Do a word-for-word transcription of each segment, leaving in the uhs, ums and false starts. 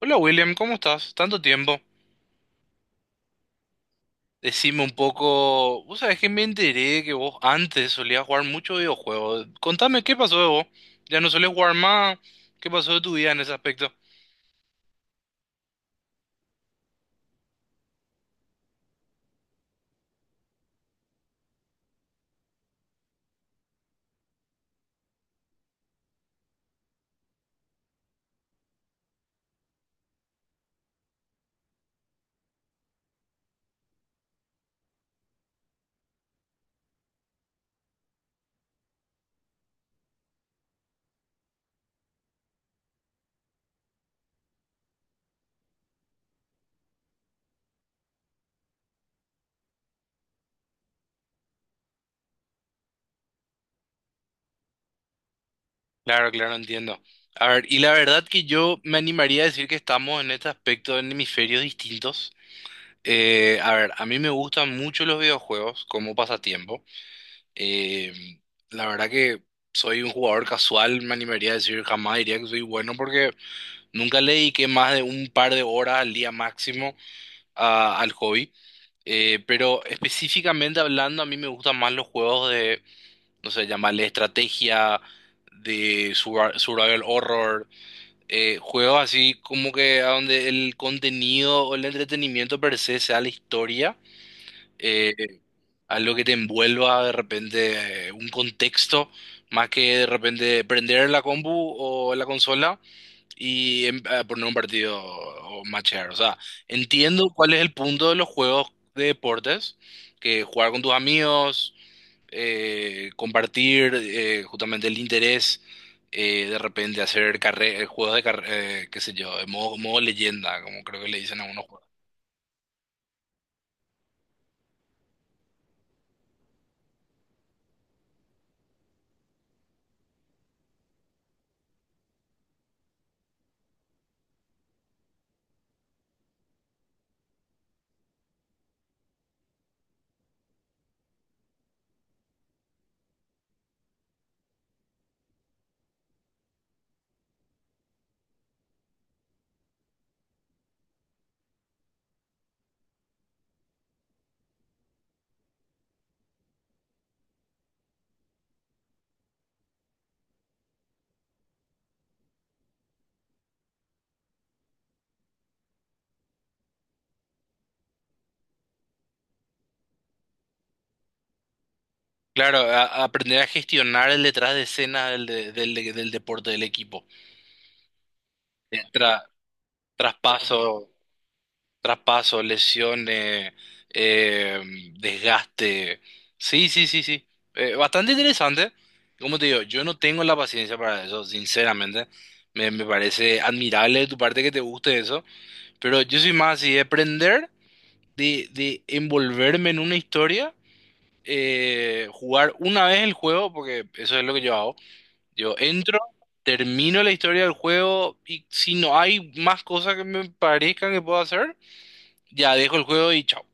Hola William, ¿cómo estás? Tanto tiempo. Decime un poco, vos sabés que me enteré que vos antes solías jugar mucho videojuegos. Contame qué pasó de vos. Ya no solés jugar más. ¿Qué pasó de tu vida en ese aspecto? Claro, claro, entiendo. A ver, y la verdad que yo me animaría a decir que estamos en este aspecto en hemisferios distintos. Eh, a ver, a mí me gustan mucho los videojuegos como pasatiempo. Eh, la verdad que soy un jugador casual, me animaría a decir jamás diría que soy bueno porque nunca le dediqué más de un par de horas al día máximo a- al hobby, eh, pero específicamente hablando, a mí me gustan más los juegos de, no sé, llamarle estrategia, de survi- survival horror, eh, juegos así como que a donde el contenido o el entretenimiento per se sea la historia, eh, algo que te envuelva de repente eh, un contexto, más que de repente prender la compu o la consola y em- a poner un partido o matchear. O sea, entiendo cuál es el punto de los juegos de deportes, que jugar con tus amigos, eh, compartir eh, justamente el interés, eh, de repente hacer carre- eh, juegos de carrera, qué sé yo, de modo, modo leyenda, como creo que le dicen a algunos juegos. Claro, a- a aprender a gestionar el detrás de escena del, de- del, del deporte del equipo, el tra- traspaso. Traspaso, lesiones, eh, desgaste. Sí, sí, sí, sí. Eh, bastante interesante. Como te digo, yo no tengo la paciencia para eso, sinceramente. Me, me parece admirable de tu parte que te guste eso, pero yo soy más así de aprender, de, de envolverme en una historia, eh, jugar una vez el juego, porque eso es lo que yo hago. Yo entro, termino la historia del juego y si no hay más cosas que me parezcan que puedo hacer, ya dejo el juego y chao.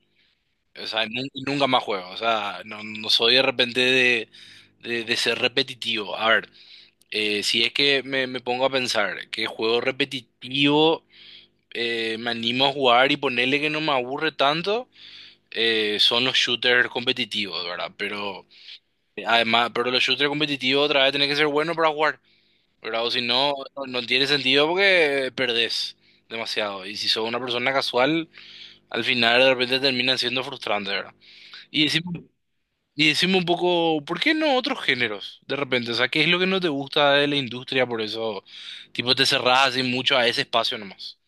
O sea, nun- nunca más juego. O sea, no, no soy de repente de, de- de ser repetitivo. A ver, eh, si es que me, me pongo a pensar que juego repetitivo, eh, me animo a jugar y ponerle que no me aburre tanto, eh, son los shooters competitivos, ¿verdad? Pero eh, además, pero los shooters competitivos otra vez tenés que ser bueno para jugar, ¿verdad? O si no, no, no tiene sentido porque perdés demasiado. Y si sos una persona casual, al final de repente terminan siendo frustrantes, ¿verdad? Y decimos. Y decime un poco, ¿por qué no otros géneros? De repente, o sea, ¿qué es lo que no te gusta de la industria? Por eso, tipo, te cerrás así mucho a ese espacio nomás.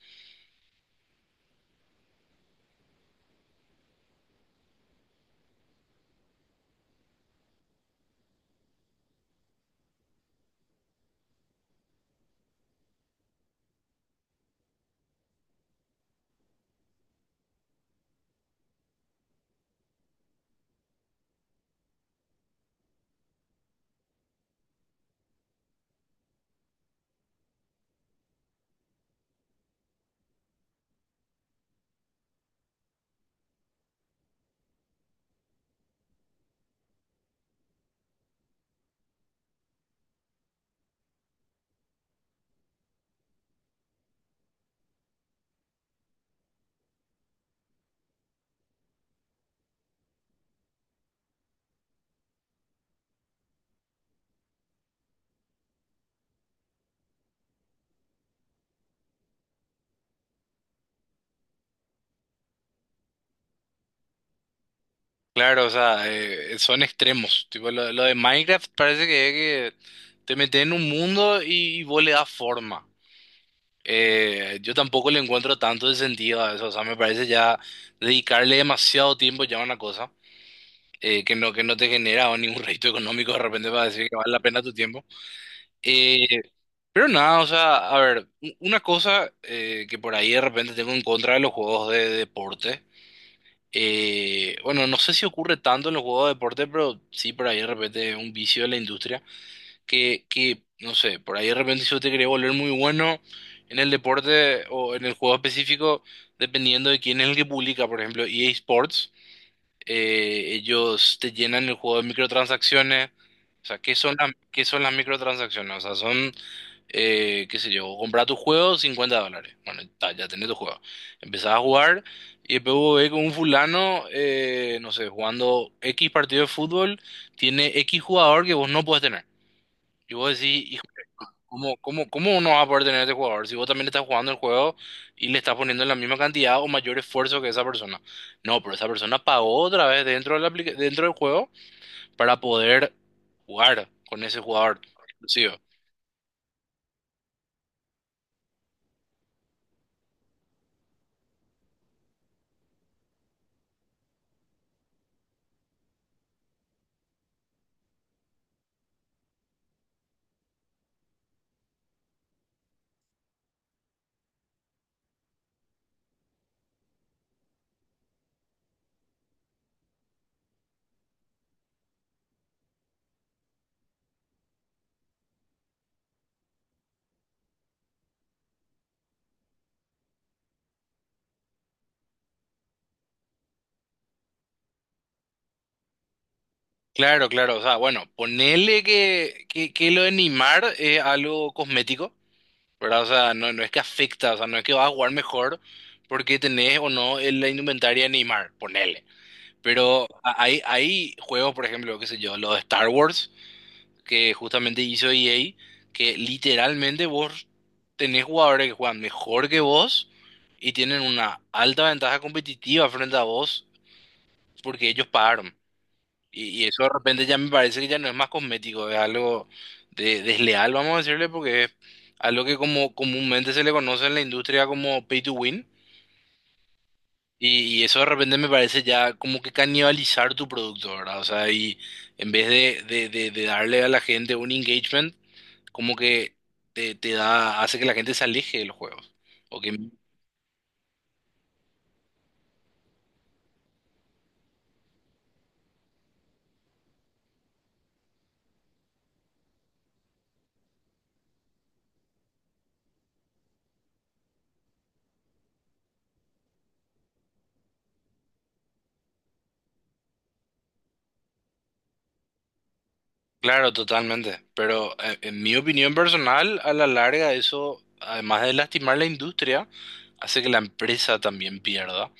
Claro, o sea, eh, son extremos. Tipo, lo, lo de Minecraft parece que es que te metes en un mundo y, y vos le das forma. Eh, yo tampoco le encuentro tanto de sentido a eso. O sea, me parece ya dedicarle demasiado tiempo ya a una cosa eh, que no, que no te genera ningún rédito económico de repente para decir que vale la pena tu tiempo. Eh, Pero nada, o sea, a ver, u- una cosa eh, que por ahí de repente tengo en contra de los juegos de deporte, eh, bueno, no sé si ocurre tanto en los juegos de deporte, pero sí por ahí de repente es un vicio de la industria, que, que, no sé, por ahí de repente si yo te quería volver muy bueno en el deporte o en el juego específico, dependiendo de quién es el que publica, por ejemplo, E A Sports, eh, ellos te llenan el juego de microtransacciones, o sea, ¿qué son las, ¿qué son las microtransacciones? O sea, son eh, qué sé yo, comprar tu juego cincuenta dólares. Bueno, ta, ya tenés tu juego. Empezás a jugar y después vos ves con un fulano, eh, no sé, jugando X partido de fútbol, tiene X jugador que vos no podés tener. Y vos decís, hijo, ¿cómo, cómo, ¿cómo no vas a poder tener a este jugador si vos también estás jugando el juego y le estás poniendo la misma cantidad o mayor esfuerzo que esa persona? No, pero esa persona pagó otra vez dentro de la aplica- dentro del juego para poder jugar con ese jugador exclusivo. Claro, claro, o sea, bueno, ponele que, que, que lo de Neymar es algo cosmético, ¿verdad? O sea, no, no es que afecta, o sea, no es que vas a jugar mejor porque tenés o no el- la indumentaria de Neymar, ponele. Pero a- hay, hay juegos, por ejemplo, qué sé yo, los de Star Wars, que justamente hizo E A, que literalmente vos tenés jugadores que juegan mejor que vos y tienen una alta ventaja competitiva frente a vos porque ellos pagaron. Y, y eso de repente ya me parece que ya no es más cosmético, es algo de, desleal, vamos a decirle, porque es algo que como comúnmente se le conoce en la industria como pay to win. Y, y eso de repente me parece ya como que canibalizar tu producto, ¿verdad? O sea, y en vez de, de, de, de darle a la gente un engagement, como que te, te da, hace que la gente se aleje de los juegos. O que claro, totalmente. Pero eh, en mi opinión personal, a la larga eso, además de lastimar la industria, hace que la empresa también pierda.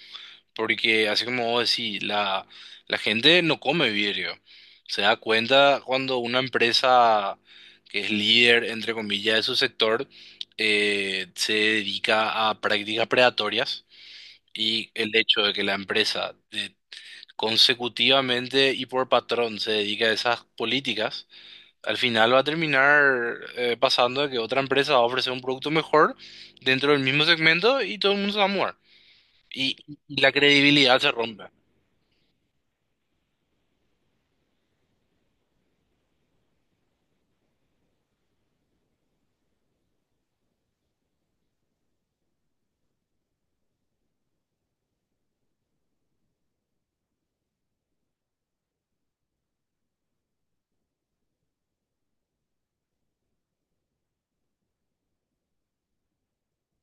Porque así como vos decís, la, la gente no come vidrio. Se da cuenta cuando una empresa que es líder, entre comillas, de su sector, eh, se dedica a prácticas predatorias y el hecho de que la empresa eh, consecutivamente y por patrón se dedica a esas políticas al final va a terminar eh, pasando de que otra empresa va a ofrecer un producto mejor dentro del mismo segmento y todo el mundo se va a mudar. Y, y la credibilidad se rompe.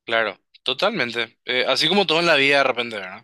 Claro, totalmente. Eh, así como todo en la vida de repente, ¿verdad?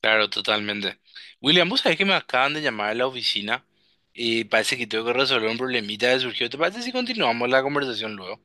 Claro, totalmente. William, vos sabés que me acaban de llamar a la oficina y parece que tengo que resolver un problemita que surgió. ¿Te parece si continuamos la conversación luego?